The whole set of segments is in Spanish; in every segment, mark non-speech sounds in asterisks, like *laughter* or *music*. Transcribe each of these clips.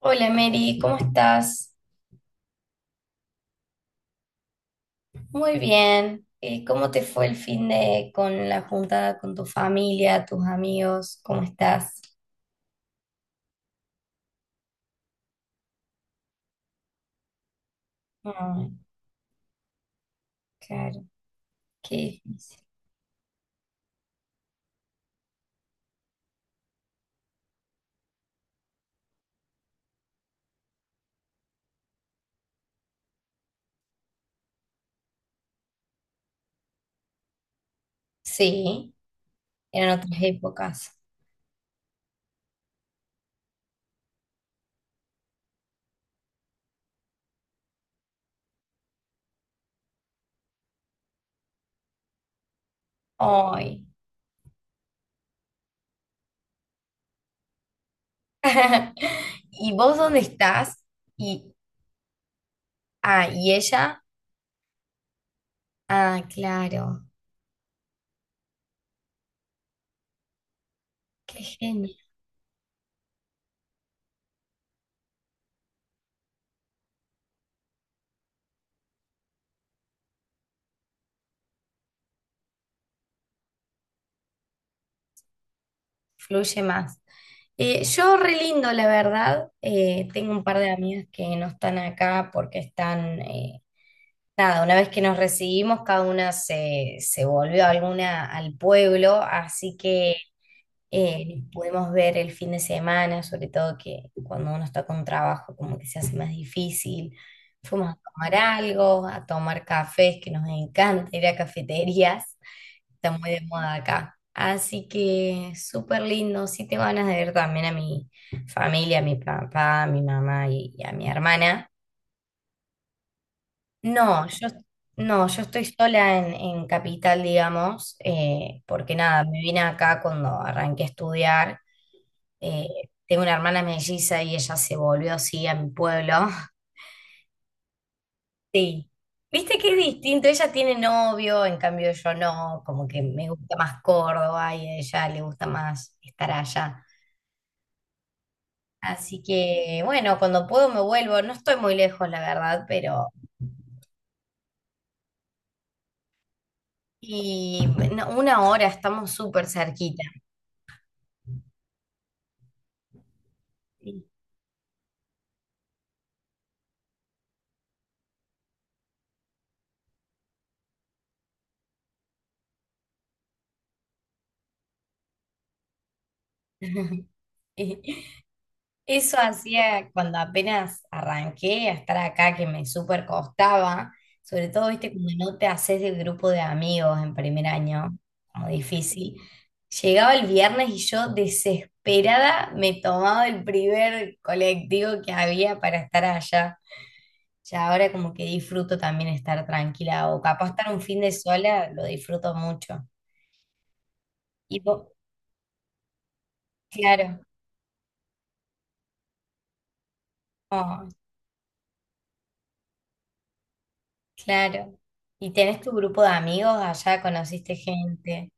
Hola Mary, ¿cómo estás? Muy bien. ¿Cómo te fue el fin de con la juntada con tu familia, tus amigos? ¿Cómo estás? Ay, claro, qué difícil. Sí, eran otras épocas. Ay. *laughs* ¿Y vos dónde estás? Y, ah, ¿y ella? Ah, claro, qué genio. Fluye más. Yo re lindo, la verdad. Tengo un par de amigas que no están acá porque están nada, una vez que nos recibimos, cada una se volvió alguna al pueblo, así que pudimos ver el fin de semana, sobre todo que cuando uno está con trabajo como que se hace más difícil. Fuimos a tomar algo, a tomar cafés, que nos encanta ir a cafeterías, está muy de moda acá. Así que súper lindo, sí tengo ganas de ver también a mi familia, a mi papá, a mi mamá y a mi hermana. No, yo, no, yo estoy sola en Capital, digamos, porque nada, me vine acá cuando arranqué a estudiar. eh, tengo una hermana melliza y ella se volvió así a mi pueblo. *laughs* Sí. Viste que es distinto, ella tiene novio, en cambio yo no, como que me gusta más Córdoba y a ella le gusta más estar allá. Así que bueno, cuando puedo me vuelvo, no estoy muy lejos, la verdad, pero... Y no, una hora estamos súper cerquita. Sí. *laughs* Eso hacía cuando apenas arranqué a estar acá, que me súper costaba, sobre todo, viste, cuando no te haces del grupo de amigos en primer año, como difícil. Llegaba el viernes y yo desesperada me tomaba el primer colectivo que había para estar allá. Ya ahora como que disfruto también estar tranquila o capaz estar un fin de sola, lo disfruto mucho. Y vos, claro, oh, claro. Y tenés tu grupo de amigos allá, conociste gente,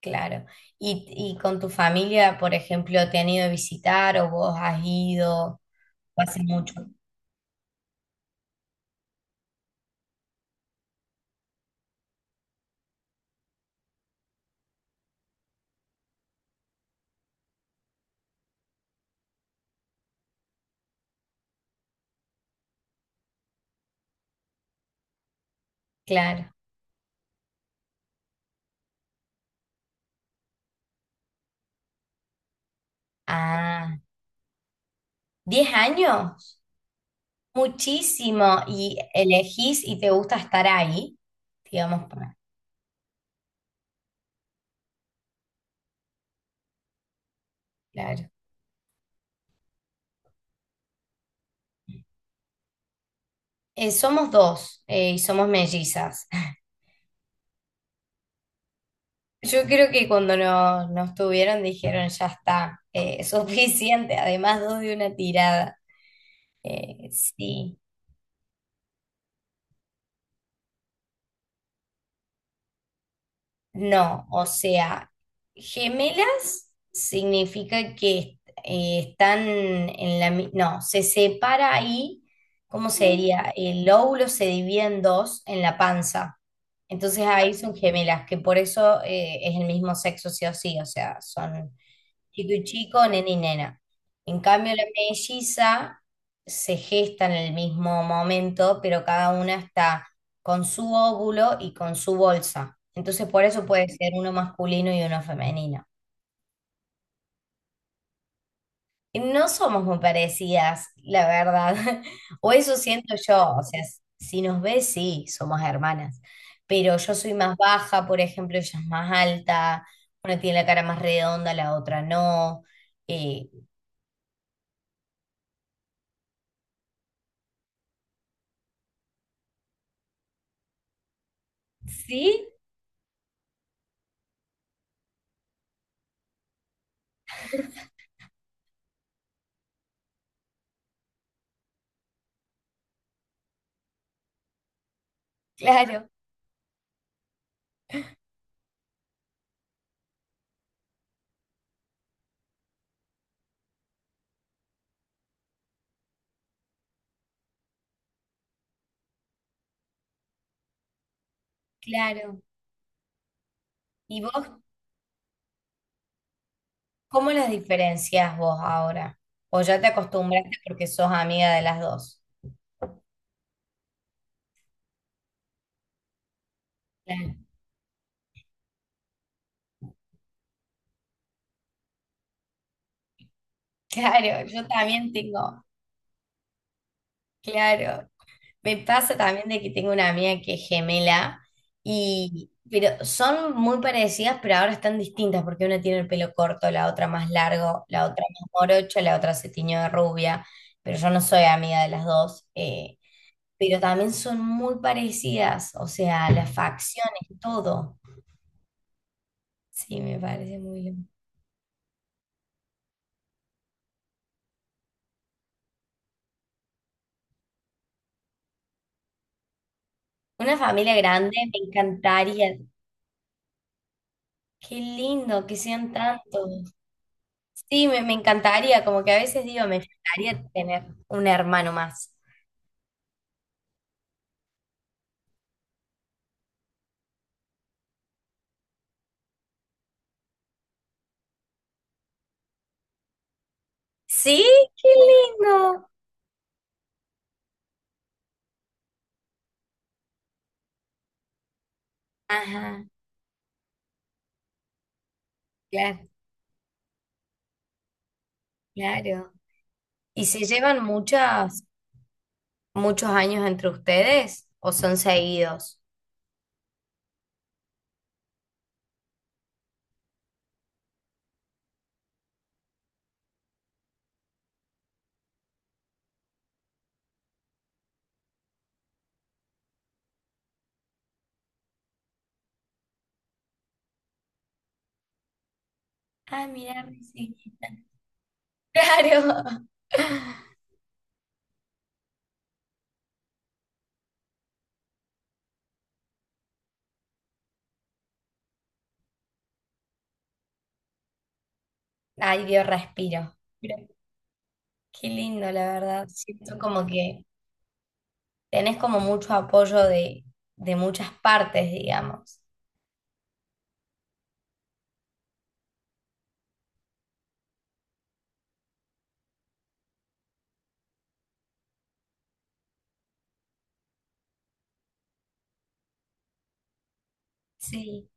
claro. Y, y con tu familia, por ejemplo, te han ido a visitar o vos has ido, o hace mucho, claro. Ah, 10 años, muchísimo. Y elegís y te gusta estar ahí, digamos, pa- claro. Somos dos y somos mellizas. *laughs* Yo creo que cuando nos tuvieron dijeron, ya está, *laughs* suficiente, además dos de una tirada. Sí, no, o sea, gemelas significa que están en la... mi- No, se separa ahí, ¿cómo sería? El óvulo se divide en dos en la panza. Entonces ahí son gemelas, que por eso es el mismo sexo sí o sí, o sea, son chico y chico, nena y nena. En cambio, la melliza se gesta en el mismo momento, pero cada una está con su óvulo y con su bolsa. Entonces, por eso puede ser uno masculino y uno femenino. Y no somos muy parecidas, la verdad. *laughs* O eso siento yo. O sea, si nos ves, sí, somos hermanas. Pero yo soy más baja, por ejemplo, ella es más alta. Una tiene la cara más redonda, la otra no. Eh, sí, claro, claro. ¿Y vos cómo las diferencias vos ahora? ¿O ya te acostumbraste porque sos amiga de las dos? Claro. Claro, yo también tengo, claro, me pasa también de que tengo una amiga que es gemela y, pero son muy parecidas, pero ahora están distintas porque una tiene el pelo corto, la otra más largo, la otra más morocha, la otra se tiñó de rubia, pero yo no soy amiga de las dos, pero también son muy parecidas, o sea, las facciones, todo. Sí, me parece muy lindo. Una familia grande, me encantaría. Qué lindo que sean tantos. Sí, me encantaría, como que a veces digo, me encantaría tener un hermano más. Sí, qué lindo. Ajá, claro, claro. ¿Y se llevan muchas, muchos años entre ustedes o son seguidos? Ah, mira, me seguí. *laughs* Claro. Ay, Dios, respiro. Pero qué lindo, la verdad. Siento como que tenés como mucho apoyo de muchas partes, digamos. Sí,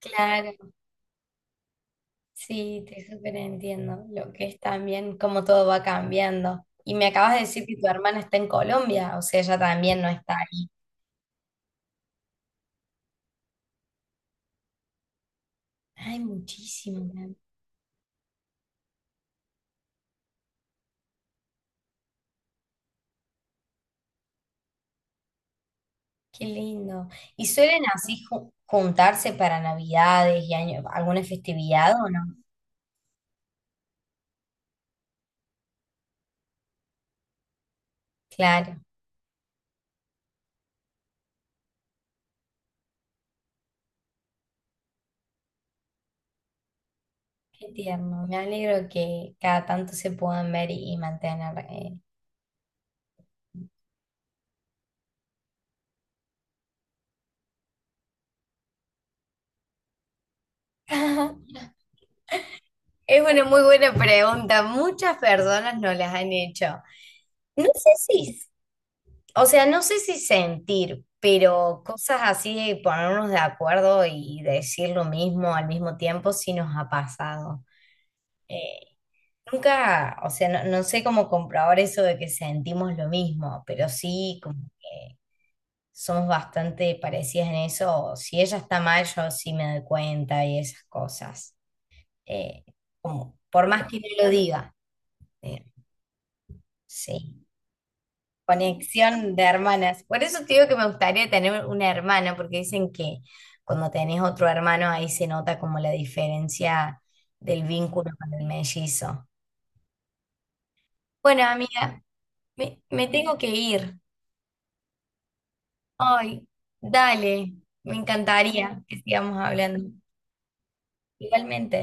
claro. Sí, te súper entiendo. Lo que es también cómo todo va cambiando. Y me acabas de decir que tu hermana está en Colombia, o sea, ella también no está ahí. Ay, muchísimo, man. Qué lindo. ¿Y suelen así ju- juntarse para Navidades y año, alguna festividad o no? Claro, qué tierno. Me alegro que cada tanto se puedan ver y mantener. Eh. *laughs* Es una muy buena pregunta. Muchas personas no las han hecho. No sé si o sea, no sé si sentir, pero cosas así de ponernos de acuerdo y decir lo mismo al mismo tiempo sí nos ha pasado. Eh, nunca, o sea, no, no sé cómo comprobar eso de que sentimos lo mismo, pero sí como que somos bastante parecidas en eso. Si ella está mal, yo sí me doy cuenta y esas cosas. Eh, como, por más que no lo diga, eh, sí. Conexión de hermanas. Por eso te digo que me gustaría tener una hermana, porque dicen que cuando tenés otro hermano ahí se nota como la diferencia del vínculo con el mellizo. Bueno, amiga, me tengo que ir. Ay, dale, me encantaría que sigamos hablando. Igualmente.